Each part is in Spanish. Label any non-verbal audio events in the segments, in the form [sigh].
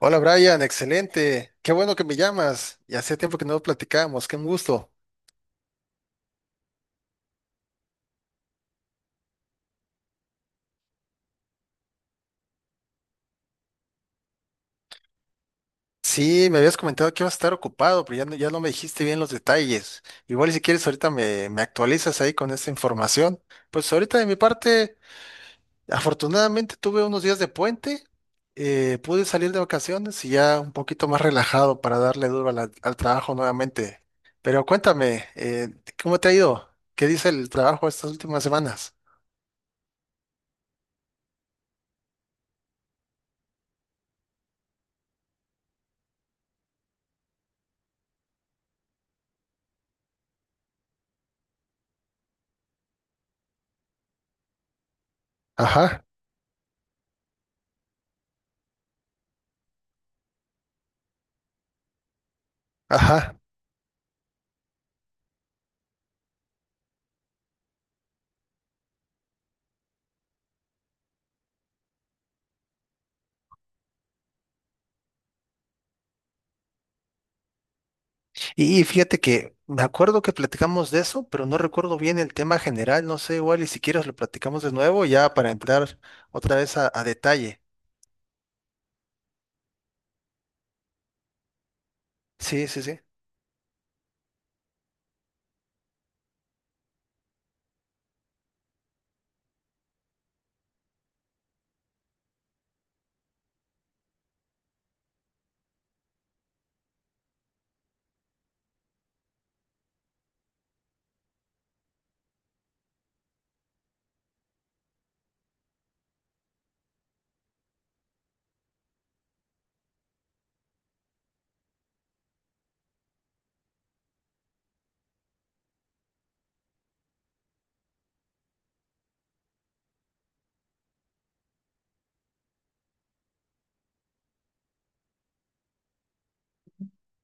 Hola Brian, excelente. Qué bueno que me llamas. Ya hacía tiempo que no platicábamos, qué un gusto. Sí, me habías comentado que ibas a estar ocupado, pero ya no, ya no me dijiste bien los detalles. Igual y si quieres ahorita me actualizas ahí con esta información. Pues ahorita de mi parte, afortunadamente tuve unos días de puente, pude salir de vacaciones y ya un poquito más relajado para darle duro a al trabajo nuevamente. Pero cuéntame, ¿cómo te ha ido? ¿Qué dice el trabajo estas últimas semanas? Ajá, ajá. Y fíjate que me acuerdo que platicamos de eso, pero no recuerdo bien el tema general. No sé, igual y si quieres lo platicamos de nuevo ya para entrar otra vez a detalle. Sí, sí, sí.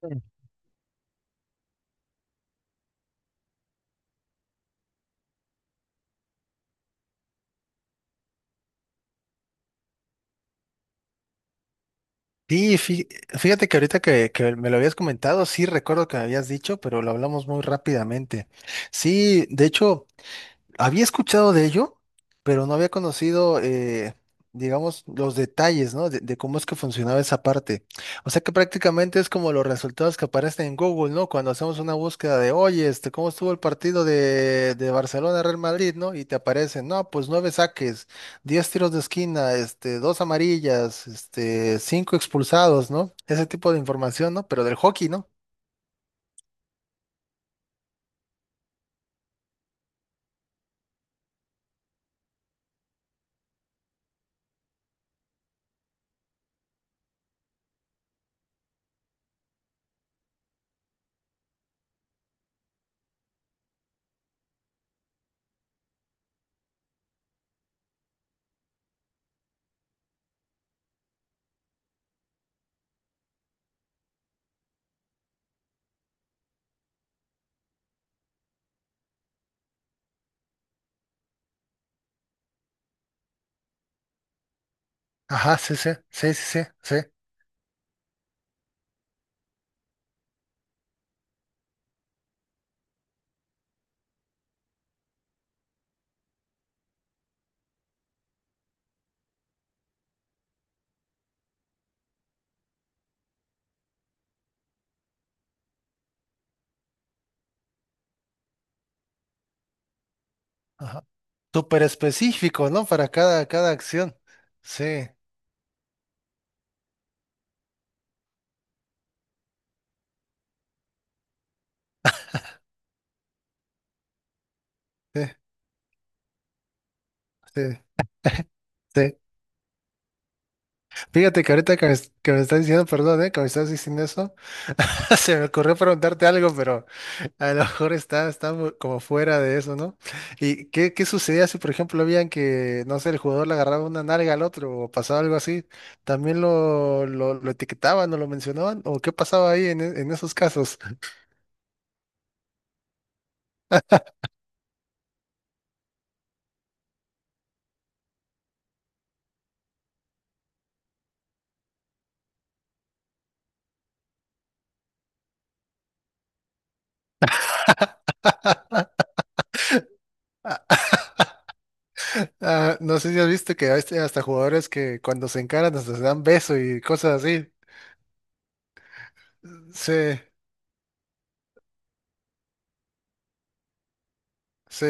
Mm. Sí, fí- Fíjate que ahorita que me lo habías comentado, sí recuerdo que me habías dicho, pero lo hablamos muy rápidamente. Sí, de hecho. Había escuchado de ello, pero no había conocido, digamos, los detalles, ¿no? De cómo es que funcionaba esa parte. O sea que prácticamente es como los resultados que aparecen en Google, ¿no? Cuando hacemos una búsqueda de, oye, este, ¿cómo estuvo el partido de Barcelona-Real Madrid, ¿no? Y te aparecen, no, pues nueve saques, diez tiros de esquina, este, dos amarillas, este, cinco expulsados, ¿no? Ese tipo de información, ¿no? Pero del hockey, ¿no? Ajá, sí, sí, sí, sí, sí, sí. Ajá. Súper específico, ¿no? Para cada, cada acción. Sí, sí, sí, sí. Fíjate que ahorita que que me estás diciendo, perdón, ¿eh? Que me estás diciendo eso, [laughs] se me ocurrió preguntarte algo, pero a lo mejor está, como fuera de eso, ¿no? ¿Y qué, qué sucedía si, por ejemplo, veían que, no sé, el jugador le agarraba una nalga al otro o pasaba algo así? ¿También lo etiquetaban o lo mencionaban? ¿O qué pasaba ahí en esos casos? Ah, no sé si has visto que hay hasta jugadores que cuando se encaran hasta se dan beso y cosas así. Sí, sí,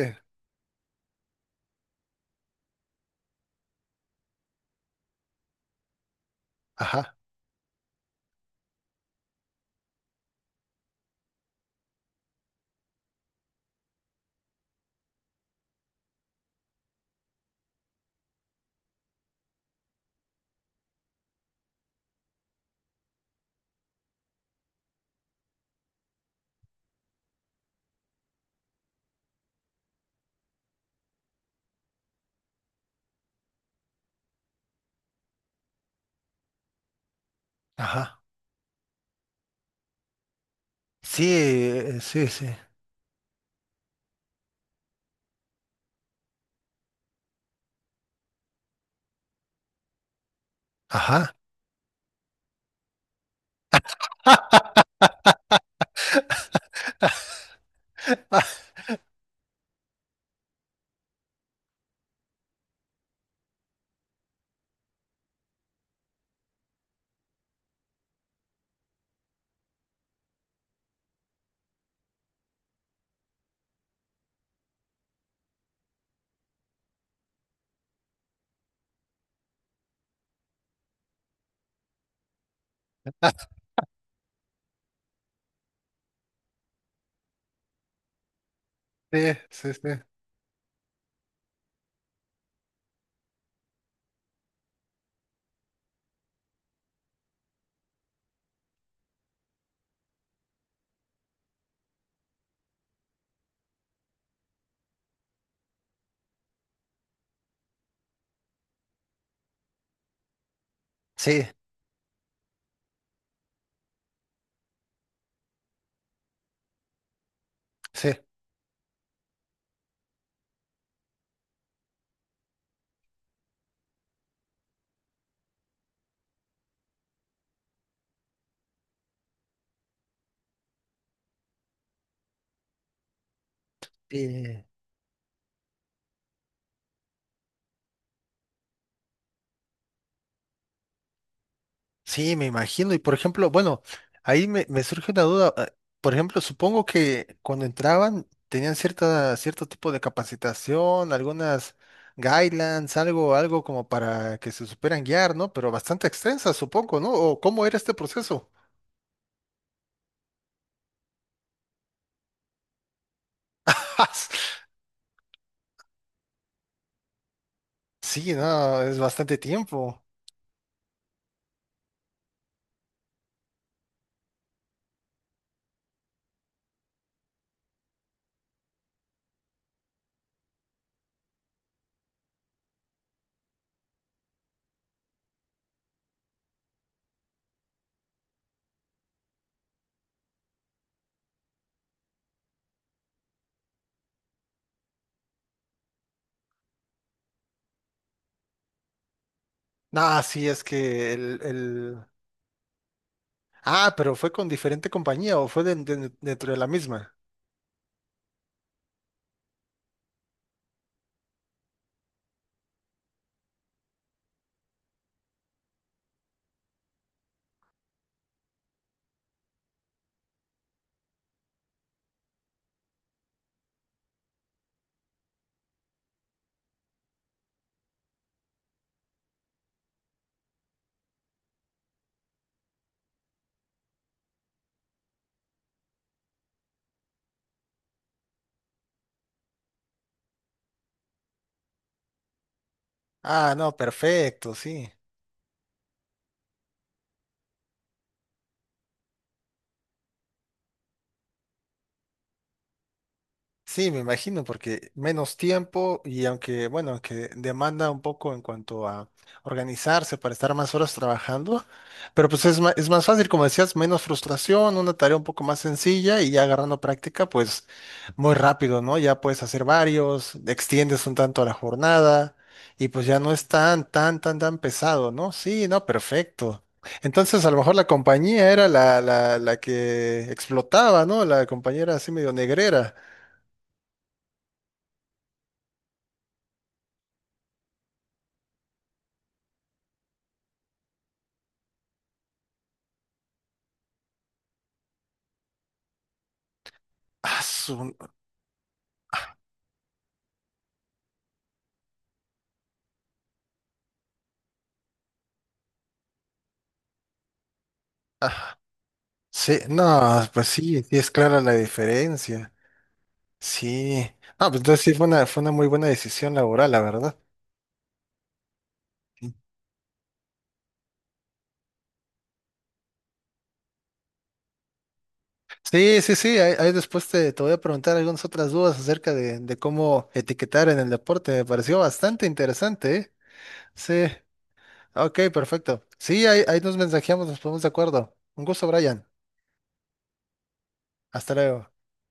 ajá, ajá. Sí, sí, sí. Ajá. [laughs] Sí, sí, sí, sí, sí. Sí. Sí, me imagino. Y por ejemplo, bueno, me surge una duda. Por ejemplo, supongo que cuando entraban tenían cierta, cierto tipo de capacitación, algunas guidelines, algo, algo como para que se supieran guiar, ¿no? Pero bastante extensa, supongo, ¿no? ¿O cómo era este proceso? [laughs] Sí, no, es bastante tiempo. No, sí, es que el... Ah, pero fue con diferente compañía o fue dentro de la misma. Ah, no, perfecto, sí. Sí, me imagino, porque menos tiempo y aunque, bueno, aunque demanda un poco en cuanto a organizarse para estar más horas trabajando, pero pues es más fácil, como decías, menos frustración, una tarea un poco más sencilla y ya agarrando práctica, pues muy rápido, ¿no? Ya puedes hacer varios, extiendes un tanto la jornada y pues ya no es tan, tan, tan, tan pesado, ¿no? Sí, no, perfecto. Entonces, a lo mejor la compañía era la que explotaba, ¿no? La compañera así medio negrera. Ah, su- ah, sí, no, pues sí, sí es clara la diferencia. Sí. Ah, pues entonces sí fue una muy buena decisión laboral, la verdad. Sí, sí, sí, ahí, ahí después te voy a preguntar algunas otras dudas acerca de cómo etiquetar en el deporte. Me pareció bastante interesante, ¿eh? Sí, ok, perfecto. Sí, ahí, ahí nos mensajeamos, nos ponemos de acuerdo. Un gusto, Brian. Hasta luego.